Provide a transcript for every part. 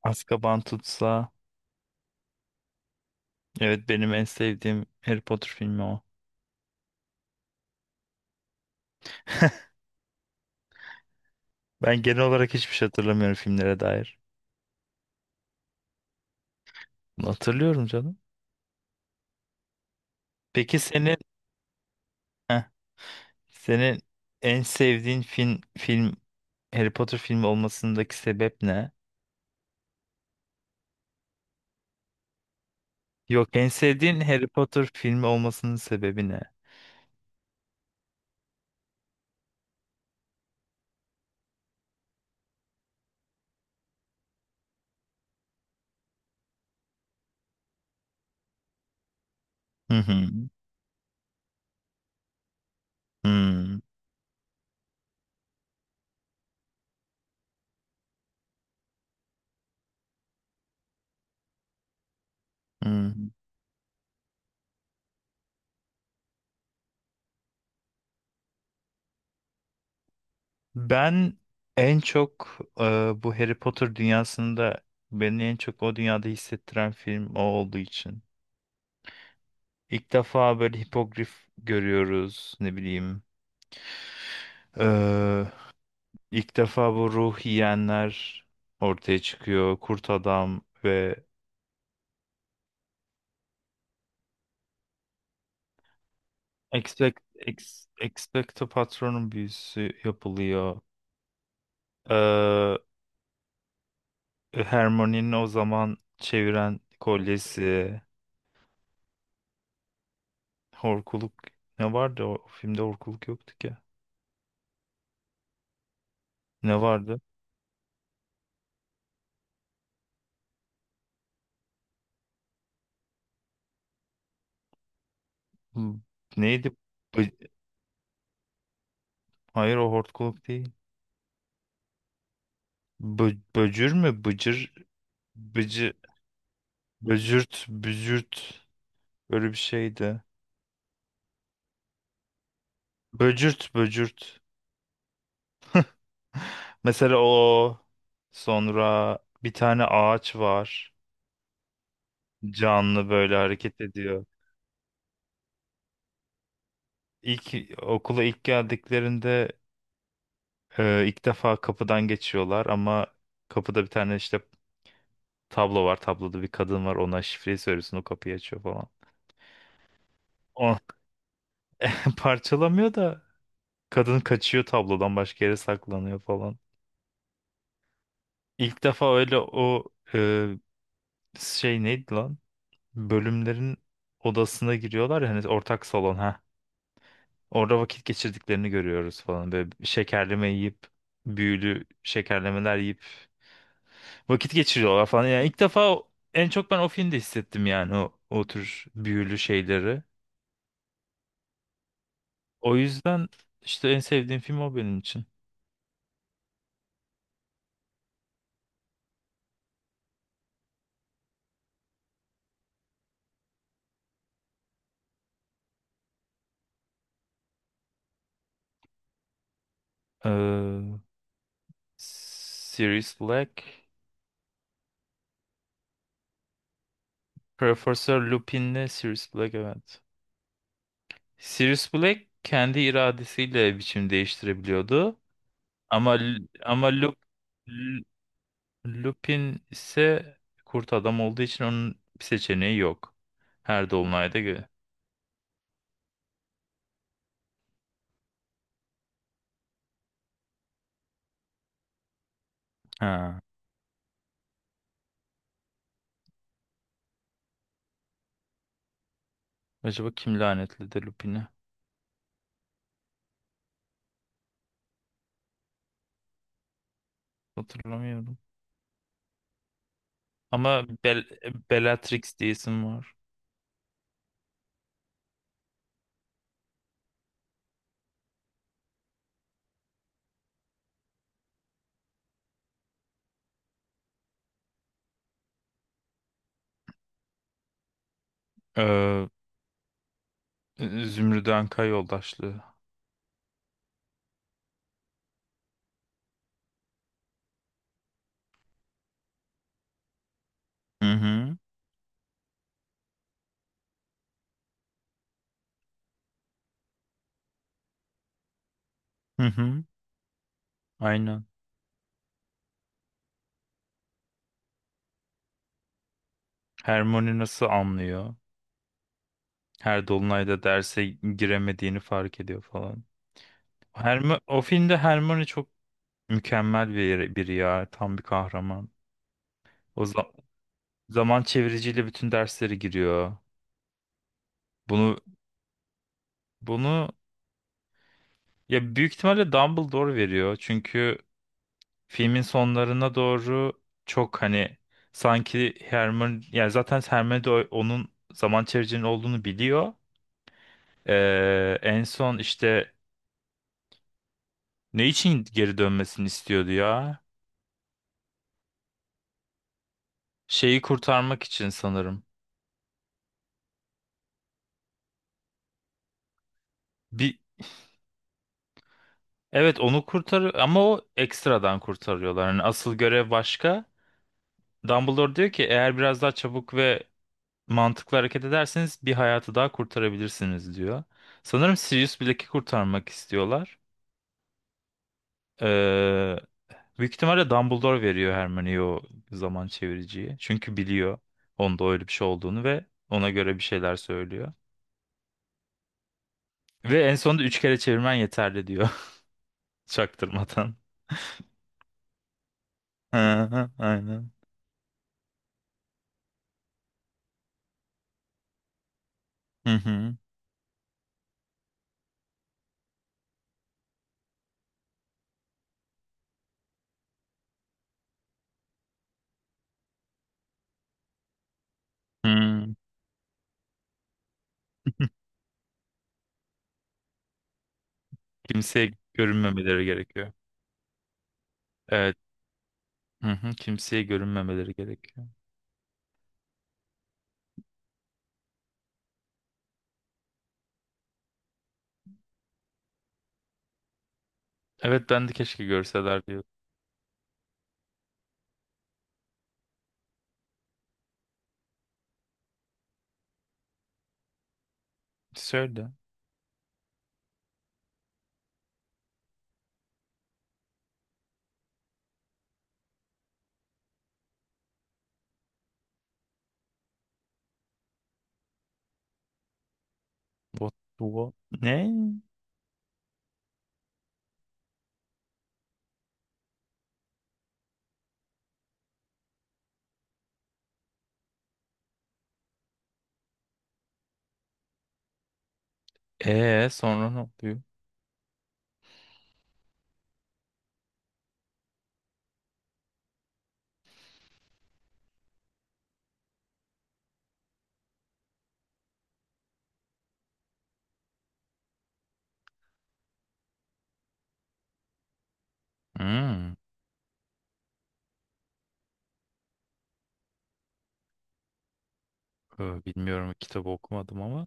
Azkaban tutsa. Evet benim en sevdiğim Harry Potter filmi o. Ben genel olarak hiçbir şey hatırlamıyorum filmlere dair. Bunu hatırlıyorum canım. Peki senin heh, senin en sevdiğin film Harry Potter filmi olmasındaki sebep ne? Yok en sevdiğin Harry Potter filmi olmasının sebebi ne? Hı hı. Hmm, hmm. Ben en çok bu Harry Potter dünyasında beni en çok o dünyada hissettiren film o olduğu için. İlk defa böyle hipogrif görüyoruz ne bileyim. Ee, ilk defa bu ruh yiyenler ortaya çıkıyor. Kurt adam ve Expecto Patronum büyüsü yapılıyor. Ee, Hermione'nin o zaman çeviren kolyesi. Horkuluk ne vardı? O filmde horkuluk yoktu ki. Ne vardı? Hmm, neydi? Bı- Hayır o horkuluk değil. Böcür mü? Bıcır. Bıcı. Böcürt, bücürt, böyle bir şeydi. Böcürt, böcürt. Mesela o sonra bir tane ağaç var. Canlı böyle hareket ediyor. İlk Okula ilk geldiklerinde ilk defa kapıdan geçiyorlar ama kapıda bir tane işte tablo var. Tabloda bir kadın var. Ona şifreyi söylüyorsun, o kapıyı açıyor falan. O parçalamıyor da kadın kaçıyor, tablodan başka yere saklanıyor falan. İlk defa öyle o e, şey neydi lan? Bölümlerin odasına giriyorlar ya, hani ortak salon ha. Orada vakit geçirdiklerini görüyoruz falan. Böyle şekerleme yiyip, büyülü şekerlemeler yiyip vakit geçiriyorlar falan. Yani ilk defa en çok ben o filmde hissettim yani o tür büyülü şeyleri. O yüzden işte en sevdiğim film o benim için. Ee, Sirius Black. Profesör Lupin'le Sirius Black, evet. Sirius Black kendi iradesiyle biçim değiştirebiliyordu. Ama Ama L- Lupin ise kurt adam olduğu için onun bir seçeneği yok. Her dolunayda gö- Ha. Acaba kim lanetledi Lupin'i? Hatırlamıyorum. Ama Bellatrix diye isim var. Ee, Zümrüt Anka yoldaşlığı. Hı hı. Hı hı. Aynen. Hermione nasıl anlıyor? Her dolunayda derse giremediğini fark ediyor falan. O filmde Hermione çok mükemmel bir biri ya. Tam bir kahraman. O za- Zaman çeviriciyle bütün derslere giriyor. Bunu bunu ya büyük ihtimalle Dumbledore veriyor. Çünkü filmin sonlarına doğru çok hani sanki Hermione, yani zaten Hermione de onun zaman çeviricinin olduğunu biliyor. En son işte ne için geri dönmesini istiyordu ya? Şeyi kurtarmak için sanırım. Bir Evet onu kurtar ama o ekstradan kurtarıyorlar. Yani asıl görev başka. Dumbledore diyor ki eğer biraz daha çabuk ve mantıklı hareket ederseniz bir hayatı daha kurtarabilirsiniz diyor. Sanırım Sirius Black'i kurtarmak istiyorlar. Ee, Büyük ihtimalle Dumbledore veriyor Hermione'ye o zaman çeviriciyi. Çünkü biliyor onda öyle bir şey olduğunu ve ona göre bir şeyler söylüyor. Ve en sonunda üç kere çevirmen yeterli diyor çaktırmadan. Hı hı, aynen. Hı hı. Hı. Kimseye görünmemeleri gerekiyor. Evet. Hı hı, kimseye görünmemeleri gerekiyor. Evet, ben de keşke görseler diyor. Söyle. What, what? Ne? Ee, sonra ne oluyor? Hmm. Bilmiyorum, kitabı okumadım ama.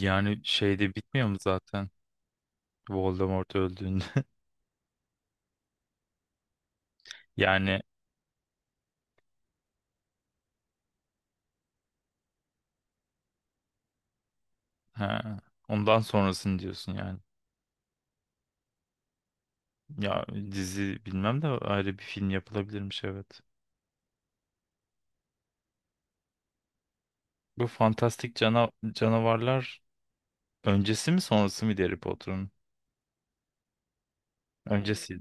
Yani şeyde bitmiyor mu zaten? Voldemort öldüğünde. Yani ha, ondan sonrasını diyorsun yani. Ya dizi bilmem de ayrı bir film yapılabilirmiş, evet. Bu fantastik canavarlar öncesi mi sonrası mı Harry Potter'ın? Öncesi.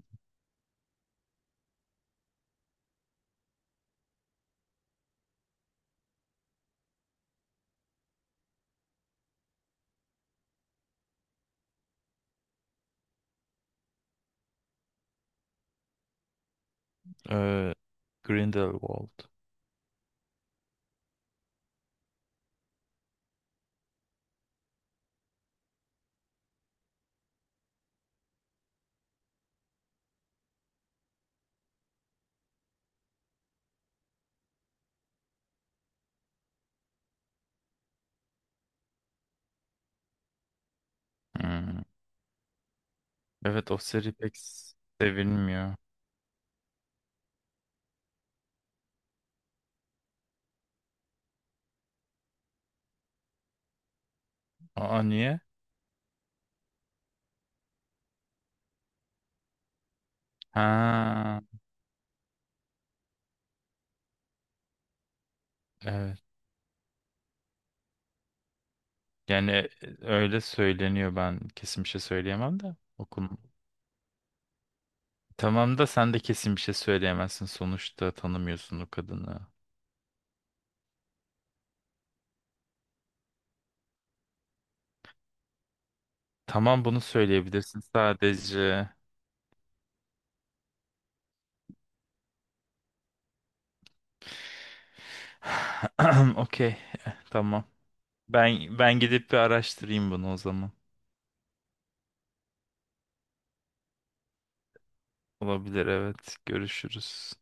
e, Grindelwald. Hmm. Evet o seri pek sevilmiyor. Aa, niye? Ha, evet. Yani öyle söyleniyor, ben kesin bir şey söyleyemem de okum. Tamam da sen de kesin bir şey söyleyemezsin sonuçta, tanımıyorsun o kadını. Tamam, bunu söyleyebilirsin sadece. Okey, tamam. Ben gidip bir araştırayım bunu o zaman. Olabilir, evet, görüşürüz.